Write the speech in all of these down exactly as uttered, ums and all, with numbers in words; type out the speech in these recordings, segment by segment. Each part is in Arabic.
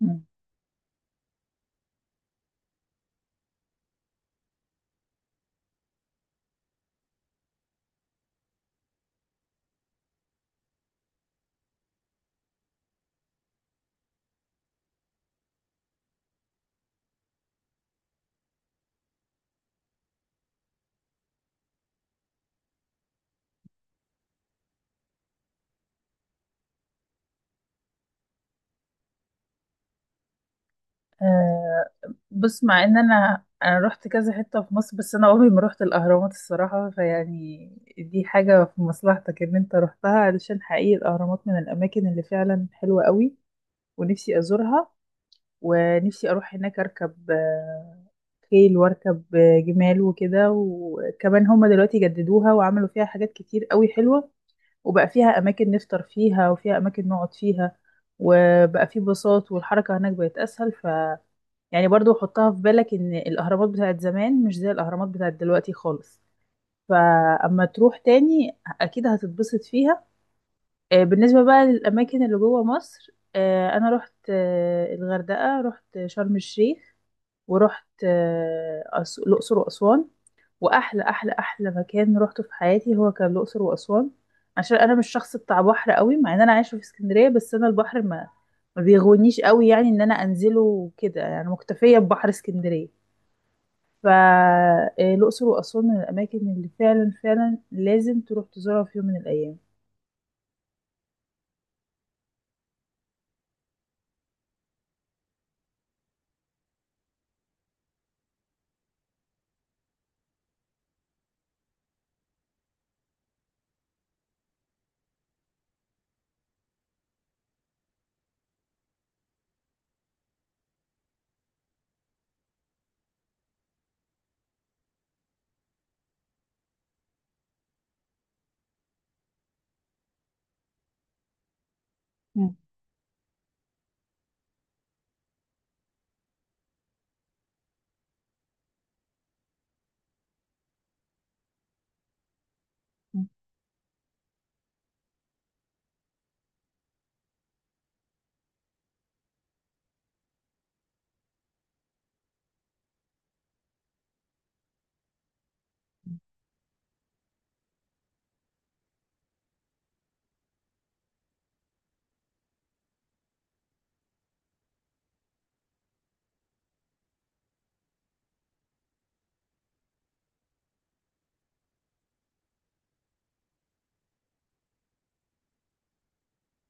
مم. آه بص، مع ان انا انا رحت كذا حته في مصر. بس انا عمري ما رحت الاهرامات الصراحه، فيعني دي حاجه في مصلحتك ان انت رحتها، علشان حقيقي الاهرامات من الاماكن اللي فعلا حلوه قوي. ونفسي ازورها، ونفسي اروح هناك اركب آه، خيل واركب آه، جمال وكده. وكمان هما دلوقتي جددوها وعملوا فيها حاجات كتير قوي حلوه. وبقى فيها أماكن نفطر فيها وفيها أماكن نقعد فيها. وبقى فيه باصات والحركة هناك بقت أسهل. ف يعني برضو حطها في بالك، إن الأهرامات بتاعت زمان مش زي الأهرامات بتاعت دلوقتي خالص. فأما تروح تاني أكيد هتتبسط فيها. آه، بالنسبة بقى للأماكن اللي جوه مصر، آه، أنا رحت آه، الغردقة، رحت شرم الشيخ، ورحت آه، أس- الأقصر وأسوان. واحلى احلى احلى مكان روحته في حياتي هو كان الاقصر واسوان. عشان انا مش شخص بتاع بحر قوي، مع ان انا عايشه في اسكندريه. بس انا البحر ما ما بيغونيش قوي، يعني ان انا انزله وكده. يعني مكتفيه ببحر اسكندريه. فالاقصر واسوان من الاماكن اللي فعلا فعلا لازم تروح تزورها في يوم من الايام. مم. مم.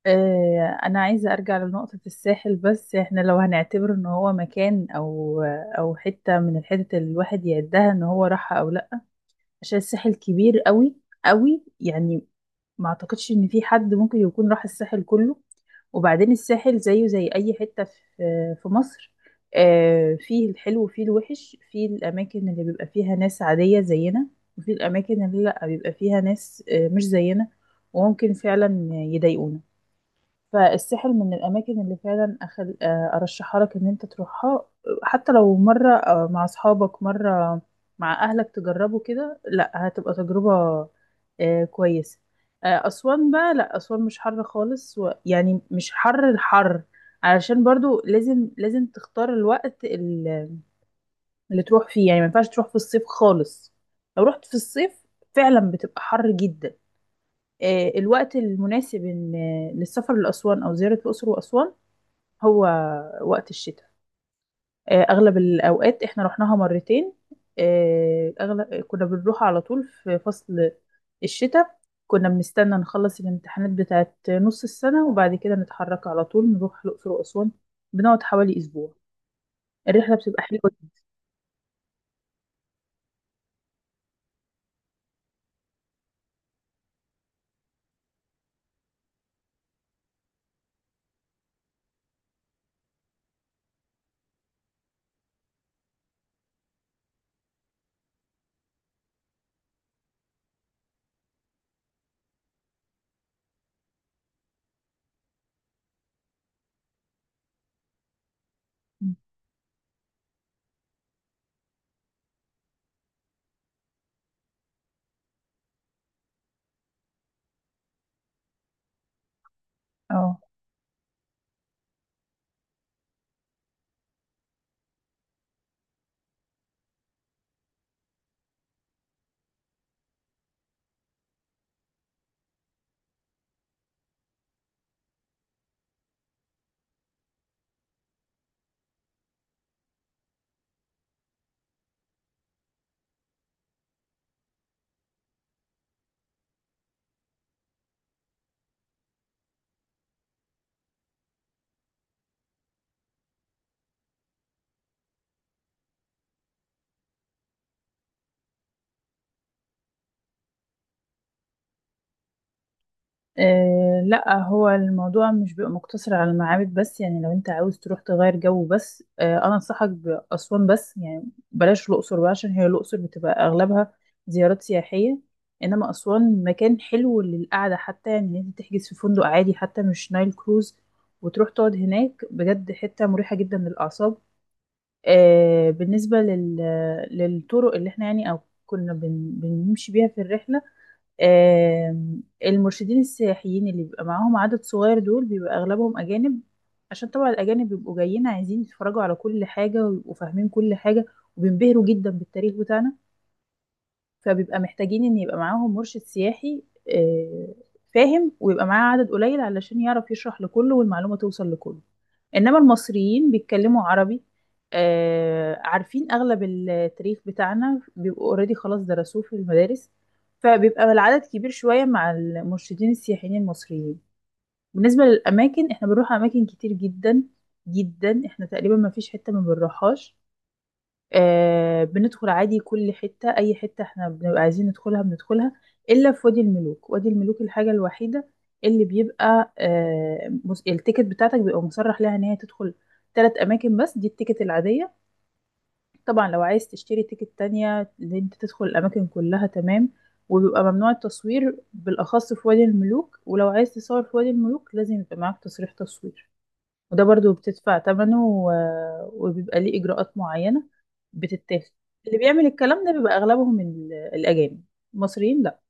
آه، انا عايزه ارجع لنقطه الساحل. بس احنا لو هنعتبر ان هو مكان او او حته من الحتت اللي الواحد يعدها ان هو راحها او لا، عشان الساحل كبير قوي قوي، يعني. ما اعتقدش ان في حد ممكن يكون راح الساحل كله. وبعدين الساحل زيه زي اي حتة في في مصر. آه، فيه الحلو وفيه الوحش. فيه الاماكن اللي بيبقى فيها ناس عادية زينا، وفيه الاماكن اللي لا بيبقى فيها ناس آه، مش زينا، وممكن فعلا يضايقونا. فالساحل من الأماكن اللي فعلا أخل... آه، أرشحها لك إن أنت تروحها. حتى لو مرة آه، مع أصحابك، مرة مع أهلك، تجربوا كده، لأ هتبقى تجربة آه، كويسة. آه، أسوان بقى، لأ أسوان مش حر خالص. و... يعني مش حر الحر، علشان برضو لازم لازم تختار الوقت ال- اللي تروح فيه، يعني ما ينفعش تروح في الصيف خالص. لو رحت في الصيف فعلا بتبقى حر جدا. آه، الوقت المناسب إن- آه، للسفر لأسوان أو زيارة الأقصر وأسوان هو وقت الشتاء. آه، اغلب الاوقات احنا رحناها مرتين. آه، اغلب كنا بنروح على طول في فصل الشتاء. كنا بنستنى نخلص الامتحانات بتاعت نص السنة، وبعد كده نتحرك على طول نروح الأقصر وأسوان، بنقعد حوالي أسبوع. الرحلة بتبقى حلوة جدا. اه. آه لا، هو الموضوع مش بيبقى مقتصر على المعابد بس. يعني لو انت عاوز تروح تغير جو بس، آه انا انصحك بأسوان بس، يعني بلاش الأقصر بقى، عشان هي الأقصر بتبقى اغلبها زيارات سياحية. انما أسوان مكان حلو للقعدة، حتى يعني انت تحجز في فندق عادي، حتى مش نايل كروز، وتروح تقعد هناك. بجد حتة مريحة جدا للأعصاب. آه بالنسبة لل للطرق اللي احنا يعني، او كنا بن... بنمشي بيها في الرحلة. آم، المرشدين السياحيين اللي بيبقى معاهم عدد صغير، دول بيبقى أغلبهم أجانب. عشان طبعا الأجانب بيبقوا جايين، عايزين يتفرجوا على كل حاجة ويبقوا فاهمين كل حاجة، وبينبهروا جدا بالتاريخ بتاعنا. فبيبقى محتاجين ان يبقى معاهم مرشد سياحي آه، فاهم، ويبقى معاه عدد قليل، علشان يعرف يشرح لكله والمعلومة توصل لكله. انما المصريين بيتكلموا عربي، آه، عارفين اغلب التاريخ بتاعنا، بيبقوا اوريدي خلاص درسوه في المدارس. فبيبقى العدد كبير شوية مع المرشدين السياحيين المصريين. بالنسبة للأماكن احنا بنروح أماكن كتير جدا جدا. احنا تقريبا ما فيش حتة ما بنروحهاش. آه بندخل عادي كل حتة. أي حتة احنا بنبقى عايزين ندخلها بندخلها، إلا في وادي الملوك. وادي الملوك الحاجة الوحيدة اللي بيبقى آه مس- التيكت بتاعتك بيبقى مصرح لها إن هي تدخل تلات أماكن بس، دي التيكت العادية. طبعا لو عايز تشتري تيكت تانية اللي انت تدخل الأماكن كلها، تمام. وبيبقى ممنوع التصوير بالأخص في وادي الملوك، ولو عايز تصور في وادي الملوك لازم يبقى معاك تصريح تصوير. وده برضو بتدفع ثمنه، و... وبيبقى ليه إجراءات معينة بتتاخد. اللي بيعمل الكلام ده بيبقى أغلبهم ال- الأجانب. المصريين لا.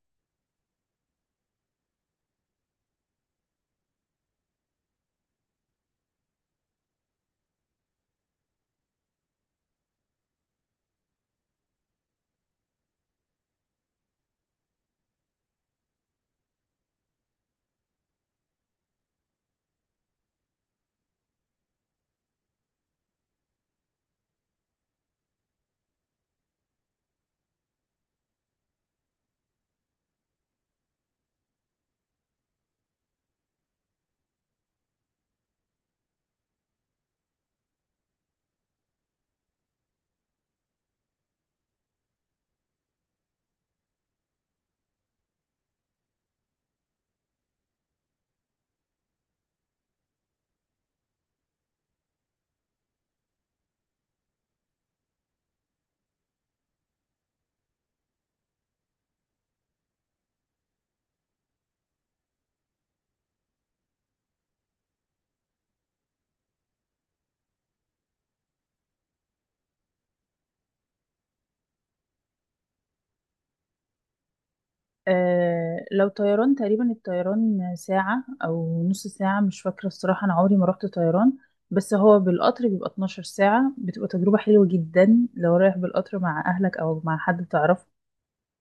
آه لو طيران تقريبا الطيران ساعة أو نص ساعة، مش فاكرة الصراحة، أنا عمري ما رحت طيران. بس هو بالقطر بيبقى اتناشر ساعة، بتبقى تجربة حلوة جدا لو رايح بالقطر مع أهلك أو مع حد تعرفه.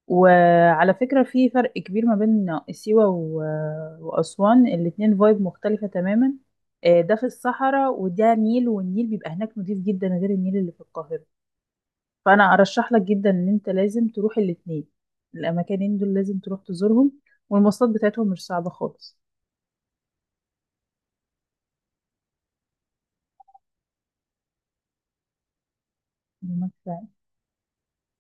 وعلى فكرة في فرق كبير ما بين سيوة و- وأسوان، الاتنين فايب مختلفة تماما. آه، ده في الصحراء وده نيل، والنيل بيبقى هناك نضيف جدا غير النيل اللي في القاهرة. فأنا أرشح لك جدا إن أنت لازم تروح الاتنين. الأماكنين دول لازم تروح تزورهم. والمواصلات بتاعتهم مش صعبة خالص.